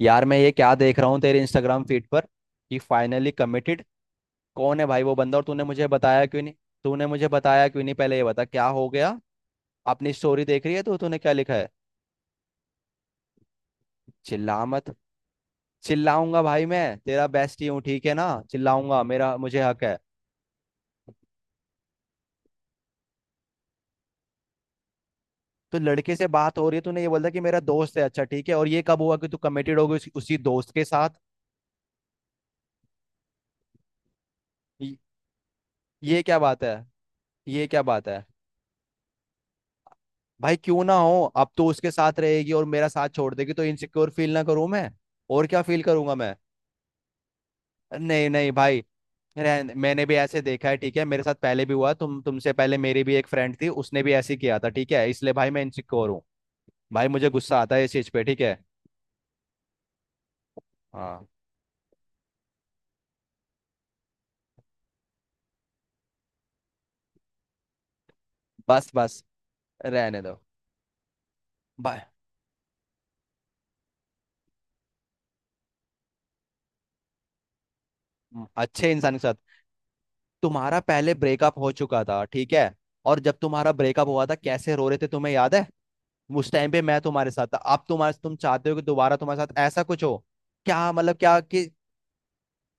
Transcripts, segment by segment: यार मैं ये क्या देख रहा हूँ तेरे इंस्टाग्राम फीड पर कि फाइनली कमिटेड। कौन है भाई वो बंदा, और तूने मुझे बताया क्यों नहीं? तूने मुझे बताया क्यों नहीं, पहले ये बता क्या हो गया। अपनी स्टोरी देख रही है तू, तूने क्या लिखा है? चिल्ला मत? चिल्लाऊंगा भाई, मैं तेरा बेस्ट ही हूँ, ठीक है ना, चिल्लाऊंगा, मेरा मुझे हक है। तो लड़के से बात हो रही है, तूने ये बोला कि मेरा दोस्त है, अच्छा ठीक है, और ये कब हुआ कि तू कमिटेड हो गई उसी दोस्त के साथ? ये ये क्या बात है? ये क्या बात है? भाई क्यों ना हो, अब तो उसके साथ रहेगी और मेरा साथ छोड़ देगी, तो इनसिक्योर फील ना करूं मैं? और क्या फील करूंगा मैं? नहीं नहीं भाई, मैंने भी ऐसे देखा है, ठीक है, मेरे साथ पहले भी हुआ, तुमसे पहले मेरी भी एक फ्रेंड थी, उसने भी ऐसे ही किया था, ठीक है, इसलिए भाई मैं इनसिक्योर हूँ। भाई मुझे गुस्सा आता है इस चीज पे, ठीक है। हाँ। बस बस। रहने दो भाई। अच्छे इंसान के साथ? तुम्हारा पहले ब्रेकअप हो चुका था, ठीक है? और जब तुम्हारा ब्रेकअप हुआ था, कैसे रो रहे थे तुम्हें याद है? उस टाइम पे मैं तुम्हारे साथ था, अब तुम चाहते हो कि दोबारा तुम्हारे साथ ऐसा कुछ हो? क्या मतलब क्या कि,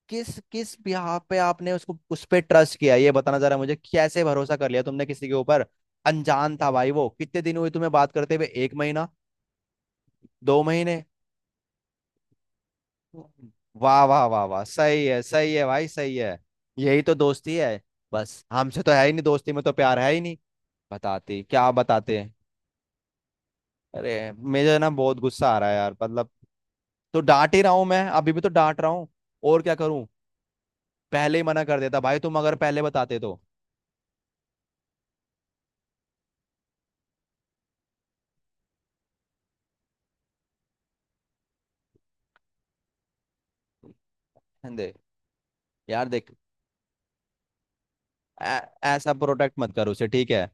किस किस बिहाफ पे आपने उसको उस पे ट्रस्ट किया, ये बताना जरा मुझे, कैसे भरोसा कर लिया तुमने किसी के ऊपर? अनजान था भाई वो, कितने दिन हुए तुम्हें बात करते हुए, एक महीना, 2 महीने? वाह वाह वाह वाह, सही है भाई, सही है। यही तो दोस्ती है। बस हमसे तो है ही नहीं दोस्ती, में तो प्यार है ही नहीं। बताती क्या, बताते हैं। अरे मुझे ना बहुत गुस्सा आ रहा है यार, मतलब। तो डांट ही रहा हूं मैं, अभी भी तो डांट रहा हूँ। और क्या करूं? पहले ही मना कर देता भाई, तुम अगर पहले बताते तो। दे, यार देख, ऐ- ऐसा प्रोटेक्ट मत कर उसे, ठीक है?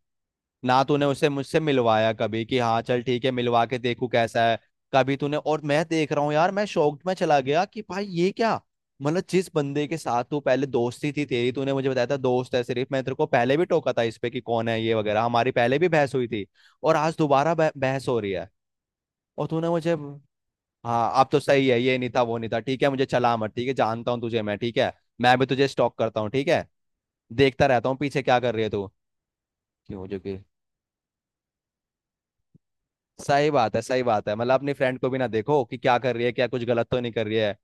ना तूने उसे मुझसे मिलवाया कभी कि हाँ चल ठीक है, मिलवा के देखू कैसा है। कभी तूने, और मैं देख रहा हूँ यार, मैं शॉक्ड में चला गया कि भाई ये क्या। मतलब जिस बंदे के साथ तू पहले दोस्ती थी तेरी, तूने मुझे बताया था दोस्त है सिर्फ, मैं तेरे को पहले भी टोका था इस पे कि कौन है ये वगैरह, हमारी पहले भी बहस हुई थी। और आज दोबारा बहस हो रही है। और तूने मुझे। हाँ, अब तो सही है, ये नहीं था वो नहीं था, ठीक है, मुझे चला मत, ठीक है, जानता हूँ तुझे मैं, ठीक है। मैं भी तुझे स्टॉक करता हूँ, ठीक है, देखता रहता हूँ पीछे क्या कर रही है तू। क्यों जो कि। सही बात है, सही बात है, मतलब अपनी फ्रेंड को भी ना देखो कि क्या कर रही है, क्या कुछ गलत तो नहीं कर रही है।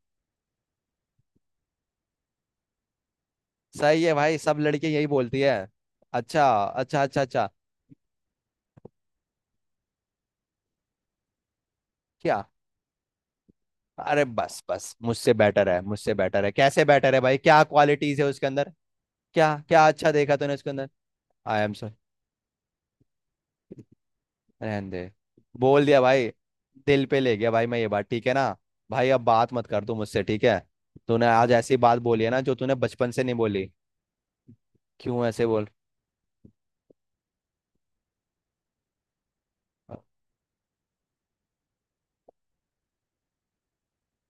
सही है भाई, सब लड़कियां यही बोलती है। अच्छा अच्छा अच्छा अच्छा। क्या? अरे बस बस, मुझसे बेटर है, मुझसे बेटर है, कैसे बेटर है भाई, क्या क्वालिटीज है उसके अंदर? क्या क्या अच्छा देखा तूने उसके अंदर? I am so. रहने दे। बोल दिया भाई, दिल पे ले गया भाई मैं ये बात, ठीक है ना? भाई अब बात मत कर तू मुझसे, ठीक है? तूने आज ऐसी बात बोली है ना, जो तूने बचपन से नहीं बोली। क्यों ऐसे बोल।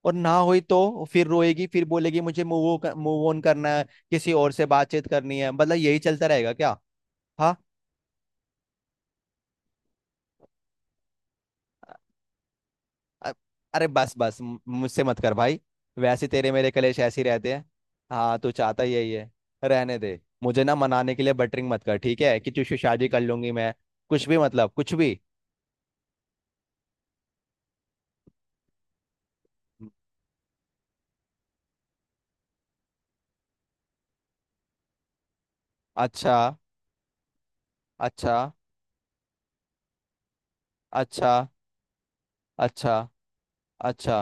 और ना हुई तो फिर रोएगी, फिर बोलेगी मुझे मूव मूव ऑन करना है, किसी और से बातचीत करनी है, मतलब यही चलता रहेगा क्या? हाँ। अ- अरे बस बस, मुझसे मत कर भाई। वैसे तेरे मेरे कलेश ऐसे ही रहते हैं। हाँ, तू चाहता ही यही है। रहने दे, मुझे ना मनाने के लिए बटरिंग मत कर, ठीक है, कि तुझसे शादी कर लूंगी मैं, कुछ भी, मतलब कुछ भी। अच्छा। अच्छा। अच्छा। अच्छा। अच्छा।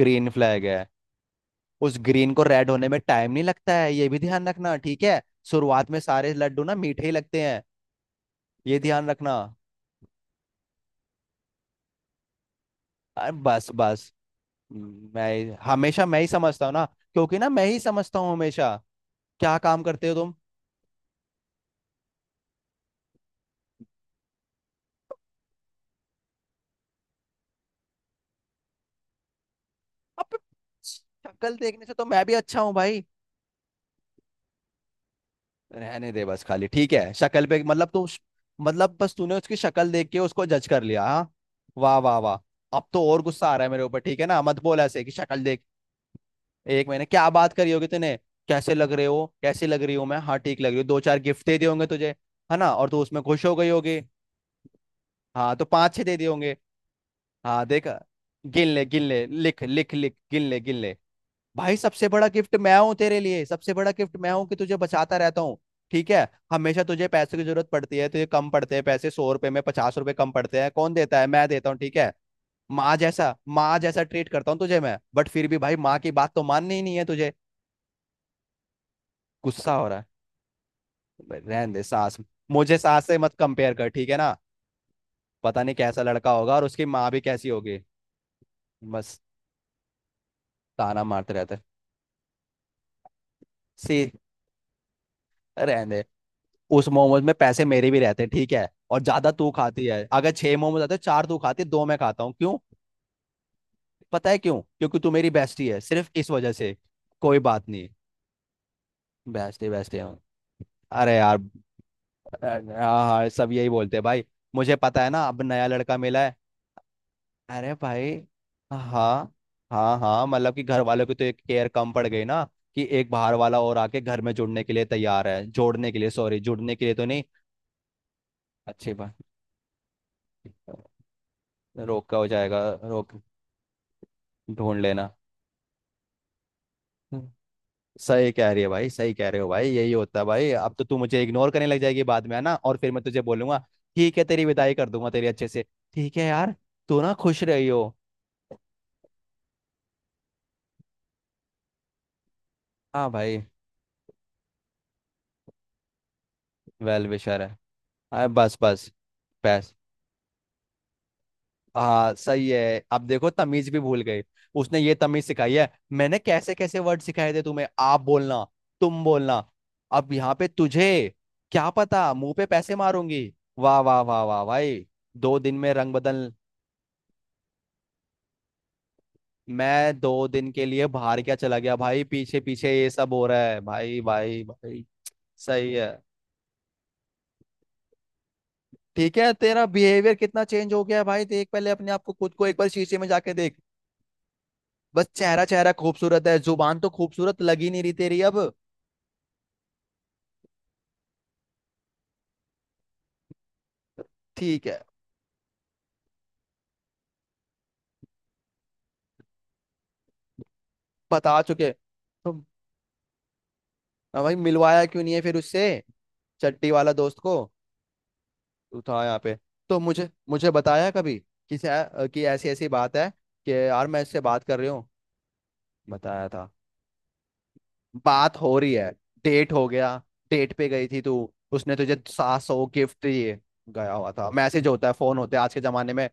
ग्रीन फ्लैग है? उस ग्रीन को रेड होने में टाइम नहीं लगता है, ये भी ध्यान रखना, ठीक है। शुरुआत में सारे लड्डू ना मीठे ही लगते हैं, ये ध्यान रखना। अरे बस बस। मैं हमेशा, मैं ही समझता हूँ ना, क्योंकि ना मैं ही समझता हूँ हमेशा। क्या काम करते हो तुम? अब शक्ल देखने से तो मैं भी अच्छा हूँ भाई। रहने दे बस खाली, ठीक है, शक्ल पे मतलब तू, मतलब बस तूने उसकी शक्ल देख के उसको जज कर लिया, हाँ? वाह वाह वाह। अब तो और गुस्सा आ रहा है मेरे ऊपर, ठीक है ना, मत बोल ऐसे कि शक्ल देख। एक महीने क्या बात करी होगी तूने? कैसे लग रहे हो, कैसे लग रही हूँ मैं, हाँ ठीक लग रही हूँ, दो चार गिफ्ट दे दिए होंगे तुझे, है ना, और तू उसमें खुश हो गई होगी। हाँ, तो पाँच छह दे दिए होंगे। हाँ देखा। गिन ले गिन ले, लिख लिख लिख, गिन ले गिन ले। भाई सबसे बड़ा गिफ्ट मैं हूँ तेरे लिए, सबसे बड़ा गिफ्ट मैं हूँ कि तुझे बचाता रहता हूँ। ठीक है, हमेशा तुझे पैसे की जरूरत पड़ती है, तुझे कम पड़ते हैं पैसे, 100 रुपए में 50 रुपए कम पड़ते हैं, कौन देता है, मैं देता हूँ, ठीक है। माँ जैसा, माँ जैसा ट्रीट करता हूँ तुझे मैं, बट फिर भी भाई माँ की बात तो माननी ही नहीं है तुझे। गुस्सा हो रहा है? भाई, रहने दे सास, मुझे सास से मत कंपेयर कर, ठीक है ना, पता नहीं कैसा लड़का होगा और उसकी माँ भी कैसी होगी। बस। ताना मारते रहते। सी। रहने दे। उस मोमोज में पैसे मेरे भी रहते हैं, ठीक है, और ज्यादा तू खाती है, अगर छह मोमोज आते हैं, चार तू खाती है, दो मैं खाता हूँ, क्यों? पता है क्यों, क्योंकि तू मेरी बेस्टी है, सिर्फ इस वजह से। कोई बात नहीं। बेस्टी बेस्टी हूँ। अरे यार। अ- हाँ हाँ, सब यही बोलते हैं भाई, मुझे पता है ना, अब नया लड़का मिला है। अरे भाई। हाँ। हाँ हाँ, मतलब कि घर वालों की तो एक केयर कम पड़ गई ना, कि एक बाहर वाला और आके घर में जुड़ने के लिए तैयार है, जोड़ने के लिए, सॉरी, जुड़ने के लिए, तो नहीं। अच्छी बात। रोका हो जाएगा, रोक। ढूंढ लेना। हम्म। सही कह रही है भाई, सही कह रहे हो भाई, यही होता है भाई, अब तो तू मुझे इग्नोर करने लग जाएगी बाद में, है ना, और फिर मैं तुझे बोलूंगा ठीक है, तेरी विदाई कर दूंगा तेरी अच्छे से, ठीक है यार, तू ना खुश रही हो। हाँ भाई। वेल विशर है। हाँ, बस बस। बस। हाँ सही है, अब देखो तमीज भी भूल गई, उसने ये तमीज सिखाई है, मैंने कैसे कैसे वर्ड सिखाए थे तुम्हें, आप बोलना, तुम बोलना। अब यहाँ पे तुझे, क्या पता मुंह पे पैसे मारूंगी। वाह वाह वाह वाह भाई, 2 दिन में रंग बदल। मैं 2 दिन के लिए बाहर क्या चला गया भाई, पीछे पीछे ये सब हो रहा है, भाई भाई भाई। सही है। ठीक है, तेरा बिहेवियर कितना चेंज हो गया है भाई, देख पहले अपने आप को, खुद को एक बार शीशे में जाके देख, बस चेहरा, चेहरा खूबसूरत है, जुबान तो खूबसूरत लग ही नहीं रही तेरी अब। ठीक है। बता चुके तुम। हाँ भाई, मिलवाया क्यों नहीं है फिर उससे, चट्टी वाला दोस्त को। तू था यहाँ पे तो, मुझे मुझे बताया कभी कि, कि ऐसी ऐसी बात है, कि यार मैं इससे बात कर रही हूँ? बताया था? बात हो रही है, डेट हो गया, डेट पे गई थी तू, उसने तुझे 700 गिफ्ट दिए? गया हुआ था? मैसेज होता है, फोन होते हैं आज के जमाने में।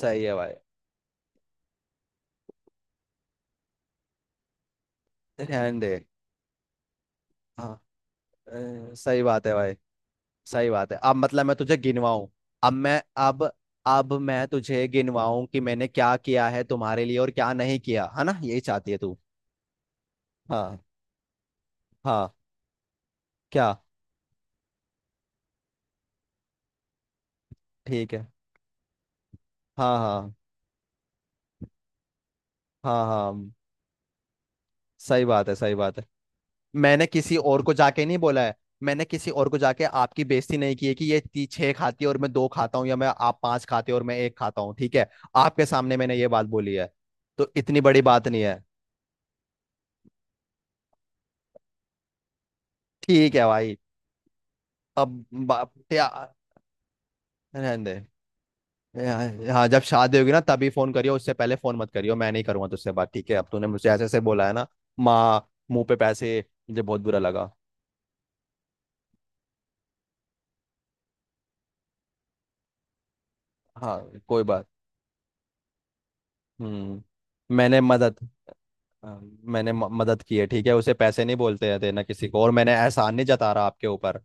सही है भाई। रहने दे। हाँ, सही बात है भाई, सही बात है, अब मतलब मैं तुझे गिनवाऊं? अब मैं, अब अब मैं तुझे गिनवाऊं कि मैंने क्या किया है तुम्हारे लिए और क्या नहीं किया है, ना यही चाहती है तू? हाँ। हाँ। क्या? ठीक है। हाँ हाँ। हाँ हाँ। सही बात है, सही बात है, मैंने किसी और को जाके नहीं बोला है, मैंने किसी और को जाके आपकी बेइज्जती नहीं की है कि ये ती छह खाती है और मैं दो खाता हूँ, या मैं आप पांच खाते हो और मैं एक खाता हूँ, ठीक है, आपके सामने मैंने ये बात बोली है, तो इतनी बड़ी बात नहीं है। ठीक है भाई, अब बाप या। रहने दे। या- हाँ, जब शादी होगी ना तभी फोन करियो, उससे पहले फोन मत करियो, मैं नहीं करूंगा तुझसे बात, ठीक है, अब तूने मुझे ऐसे ऐसे बोला है ना, माँ मुंह पे पैसे, मुझे बहुत बुरा लगा। हाँ कोई बात। हम्म मैंने मदद, अ, मैंने मदद की है, ठीक है, उसे पैसे नहीं बोलते हैं देना किसी को, और मैंने एहसान नहीं जता रहा आपके ऊपर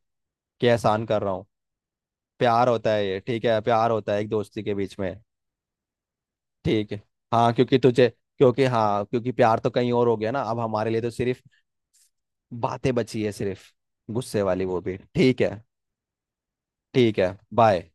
कि एहसान कर रहा हूँ, प्यार होता है ये, ठीक है, प्यार होता है एक दोस्ती के बीच में। ठीक है। हाँ क्योंकि तुझे, क्योंकि हाँ, क्योंकि प्यार तो कहीं और हो गया ना, अब हमारे लिए तो सिर्फ बातें बची है सिर्फ, गुस्से वाली, वो भी ठीक है। ठीक है, बाय।